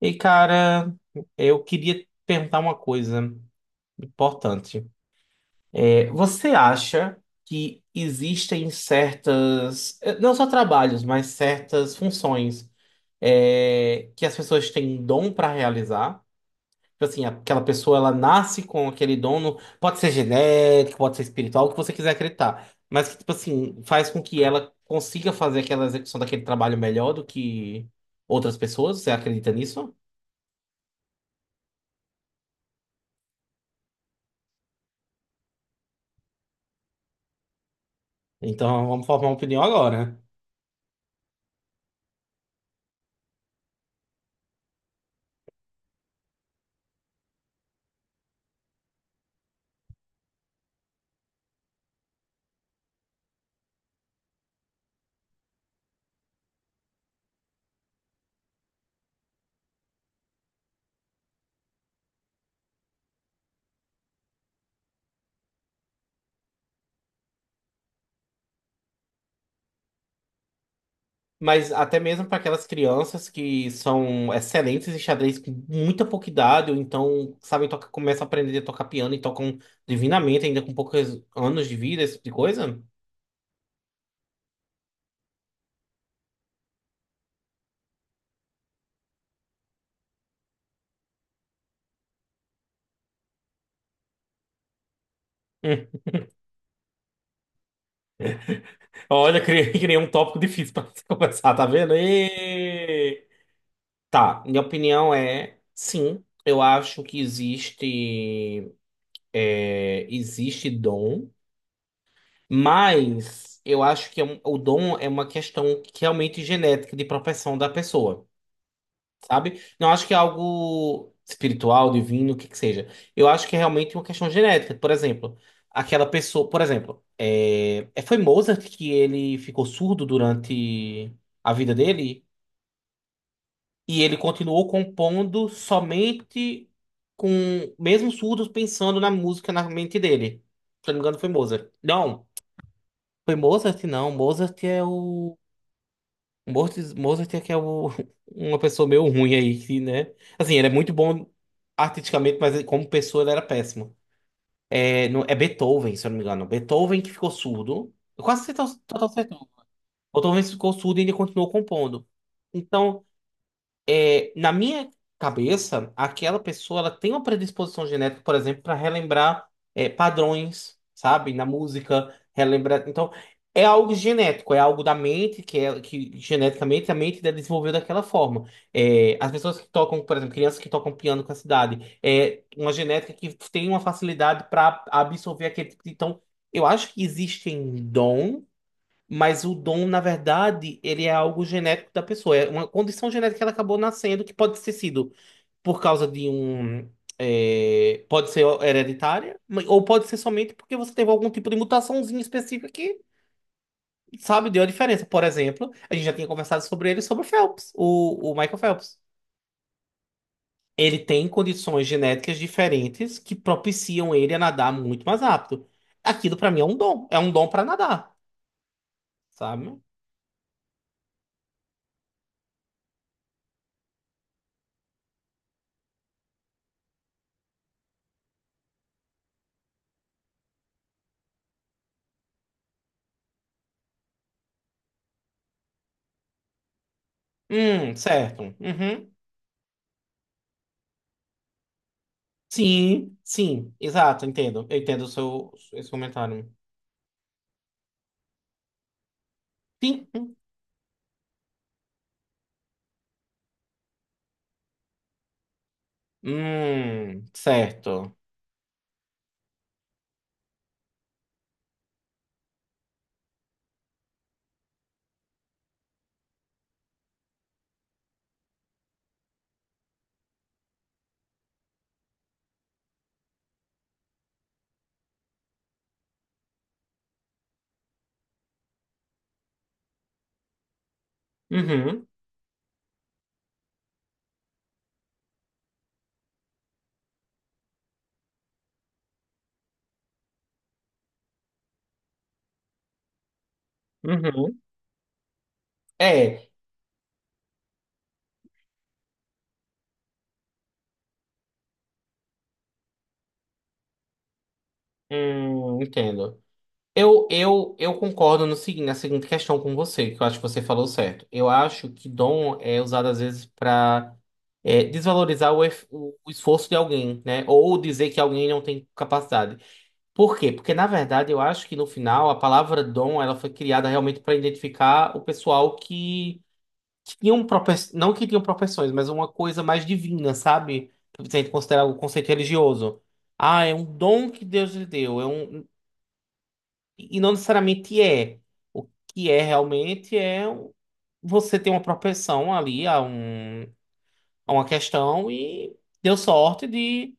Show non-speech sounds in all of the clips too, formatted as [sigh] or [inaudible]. E cara, eu queria perguntar uma coisa importante. Você acha que existem certas, não só trabalhos, mas certas funções, que as pessoas têm dom para realizar? Tipo assim, aquela pessoa ela nasce com aquele dom, pode ser genético, pode ser espiritual, o que você quiser acreditar, mas que tipo assim faz com que ela consiga fazer aquela execução daquele trabalho melhor do que outras pessoas. Você acredita nisso? Então vamos formar uma opinião agora. Mas até mesmo para aquelas crianças que são excelentes em xadrez com muita pouca idade, ou então sabem tocar, começam a aprender a tocar piano e tocam divinamente, ainda com poucos anos de vida, esse tipo de coisa. Hum. Olha, criei, [laughs] criei um tópico difícil para [laughs] começar, tá vendo? E. Tá, minha opinião é sim, eu acho que existe dom. Mas eu acho que o dom é uma questão que realmente genética de propensão da pessoa, sabe? Não acho que é algo espiritual, divino, o que que seja. Eu acho que é realmente uma questão genética. Por exemplo, aquela pessoa, por exemplo, foi Mozart que ele ficou surdo durante a vida dele e ele continuou compondo somente com mesmo surdo pensando na música na mente dele. Se eu não me engano, foi Mozart. Não. Foi Mozart? Não, Mozart é o. Mozart, Mozart é que é o. [laughs] Uma pessoa meio ruim aí, que, né? Assim, ele é muito bom artisticamente, mas como pessoa ele era péssimo. É Beethoven, se eu não me engano. Beethoven que ficou surdo. Eu quase total, total certo. Beethoven ficou surdo e ele continuou compondo. Então, na minha cabeça, aquela pessoa ela tem uma predisposição genética, por exemplo, para relembrar padrões, sabe, na música, relembrar. Então, é algo genético, é algo da mente que é que geneticamente a mente dela desenvolveu daquela forma. As pessoas que tocam, por exemplo, crianças que tocam piano com essa idade, é uma genética que tem uma facilidade para absorver aquele tipo de. Então, eu acho que existem dons, mas o dom, na verdade, ele é algo genético da pessoa. É uma condição genética que ela acabou nascendo, que pode ter sido por causa de um. Pode ser hereditária, ou pode ser somente porque você teve algum tipo de mutaçãozinha específica que, sabe, deu a diferença. Por exemplo, a gente já tinha conversado sobre ele, sobre o Phelps, o Michael Phelps. Ele tem condições genéticas diferentes que propiciam ele a nadar muito mais rápido. Aquilo, pra mim, é um dom. É um dom pra nadar, sabe? Certo. Uhum. Sim, sim, exato, entendo. Eu entendo o seu, esse comentário. Sim. Certo. Uhum, uhum. É, entendo. Eu concordo no seguinte, na seguinte questão com você, que eu acho que você falou certo. Eu acho que dom é usado às vezes para desvalorizar o, ef- o esforço de alguém, né? Ou dizer que alguém não tem capacidade. Por quê? Porque, na verdade, eu acho que no final a palavra dom ela foi criada realmente para identificar o pessoal que tinham propensões, não que tinham propensões, mas uma coisa mais divina, sabe? Se a gente considerar o conceito religioso. Ah, é um dom que Deus lhe deu, é um. E não necessariamente é. O que é realmente é você ter uma propensão ali a, a uma questão e deu sorte de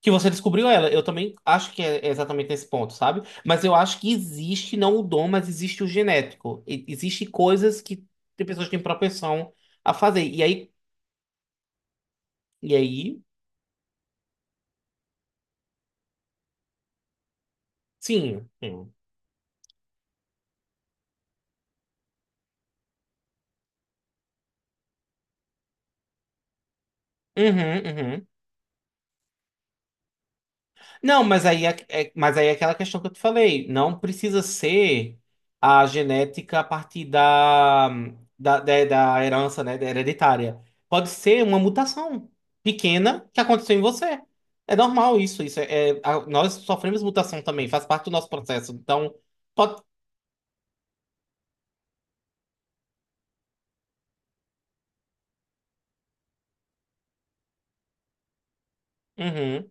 que você descobriu ela. Eu também acho que é exatamente nesse ponto, sabe? Mas eu acho que existe não o dom, mas existe o genético. Existe coisas que tem pessoas que têm propensão a fazer. E aí, sim. Sim. Uhum, uhum. Não, mas aí é aquela questão que eu te falei. Não precisa ser a genética a partir da herança, né, da hereditária. Pode ser uma mutação pequena que aconteceu em você. É normal isso. Isso é, nós sofremos mutação também, faz parte do nosso processo. Então, pode. Uhum,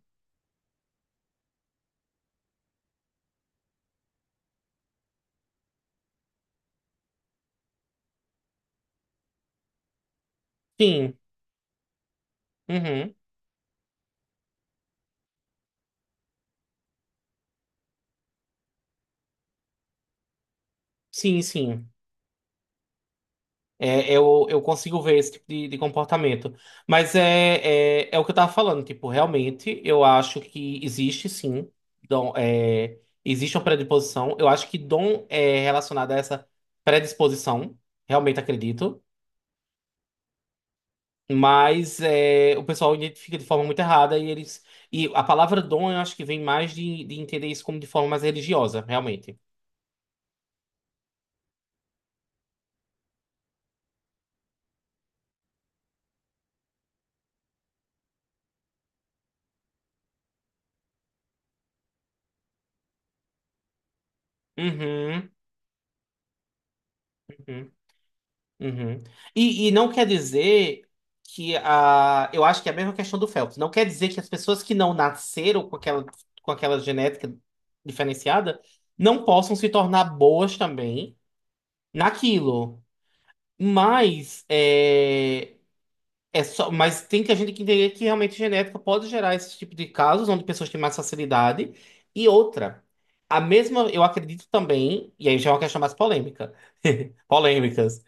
sim. Uhum, sim, sim. É, eu consigo ver esse tipo de comportamento. Mas é o que eu tava falando, tipo, realmente eu acho que existe sim, dom, existe uma predisposição. Eu acho que dom é relacionado a essa predisposição, realmente acredito. Mas o pessoal identifica de forma muito errada e eles. E a palavra dom eu acho que vem mais de entender isso como de forma mais religiosa, realmente. Uhum, uhum. Uhum. E não quer dizer que a. Eu acho que é a mesma questão do Phelps. Não quer dizer que as pessoas que não nasceram com aquela genética diferenciada não possam se tornar boas também naquilo. Mas é só, mas tem que a gente que entender que realmente genética pode gerar esse tipo de casos onde pessoas têm mais facilidade. E outra, a mesma, eu acredito também, e aí já é uma questão mais polêmica. [laughs] Polêmicas.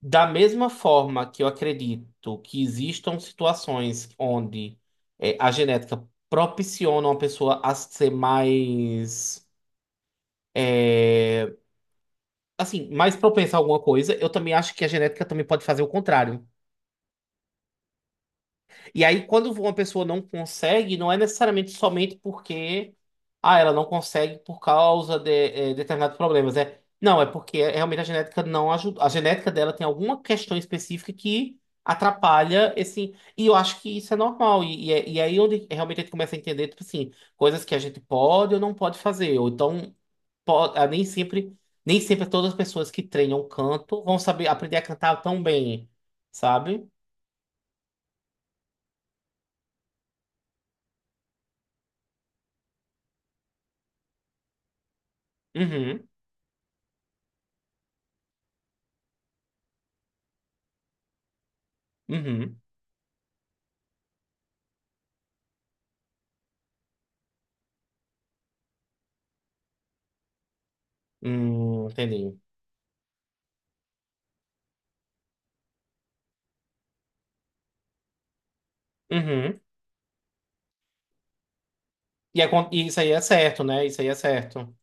Da mesma forma que eu acredito que existam situações onde a genética propiciona uma pessoa a ser mais, assim, mais propensa a alguma coisa, eu também acho que a genética também pode fazer o contrário. E aí, quando uma pessoa não consegue, não é necessariamente somente porque ela não consegue por causa de determinados problemas, né? Não, é porque realmente a genética não ajuda. A genética dela tem alguma questão específica que atrapalha esse. E, eu acho que isso é normal. E, e é aí onde realmente a gente começa a entender, tipo assim, coisas que a gente pode ou não pode fazer. Ou então, pode, nem sempre todas as pessoas que treinam canto vão saber aprender a cantar tão bem, sabe? Uhum, uhum. Entendi. Uhum. E, e isso aí é certo, né? Isso aí é certo.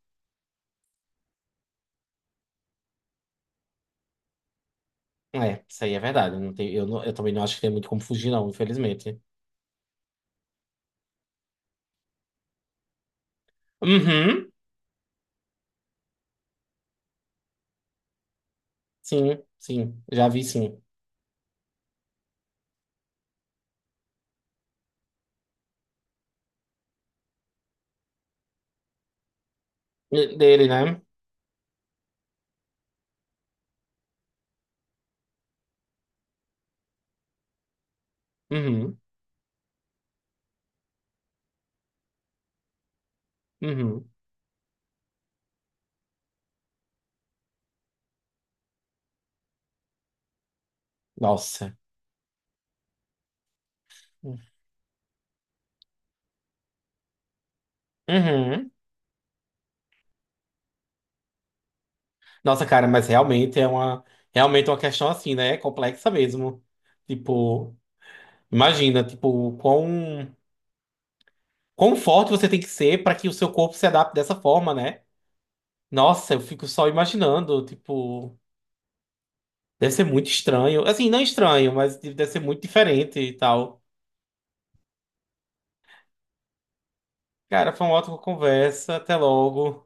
É, isso aí é verdade. Não tem, eu também não acho que tem muito como fugir, não, infelizmente. Uhum. Sim, sim. Já vi, sim. Dele, né? Uhum. Uhum. Nossa. Uhum. Nossa, cara, mas realmente é uma questão assim, né? Complexa mesmo. Tipo, imagina, tipo, quão forte você tem que ser para que o seu corpo se adapte dessa forma, né? Nossa, eu fico só imaginando, tipo, deve ser muito estranho. Assim, não estranho, mas deve ser muito diferente e tal. Cara, foi uma ótima conversa. Até logo.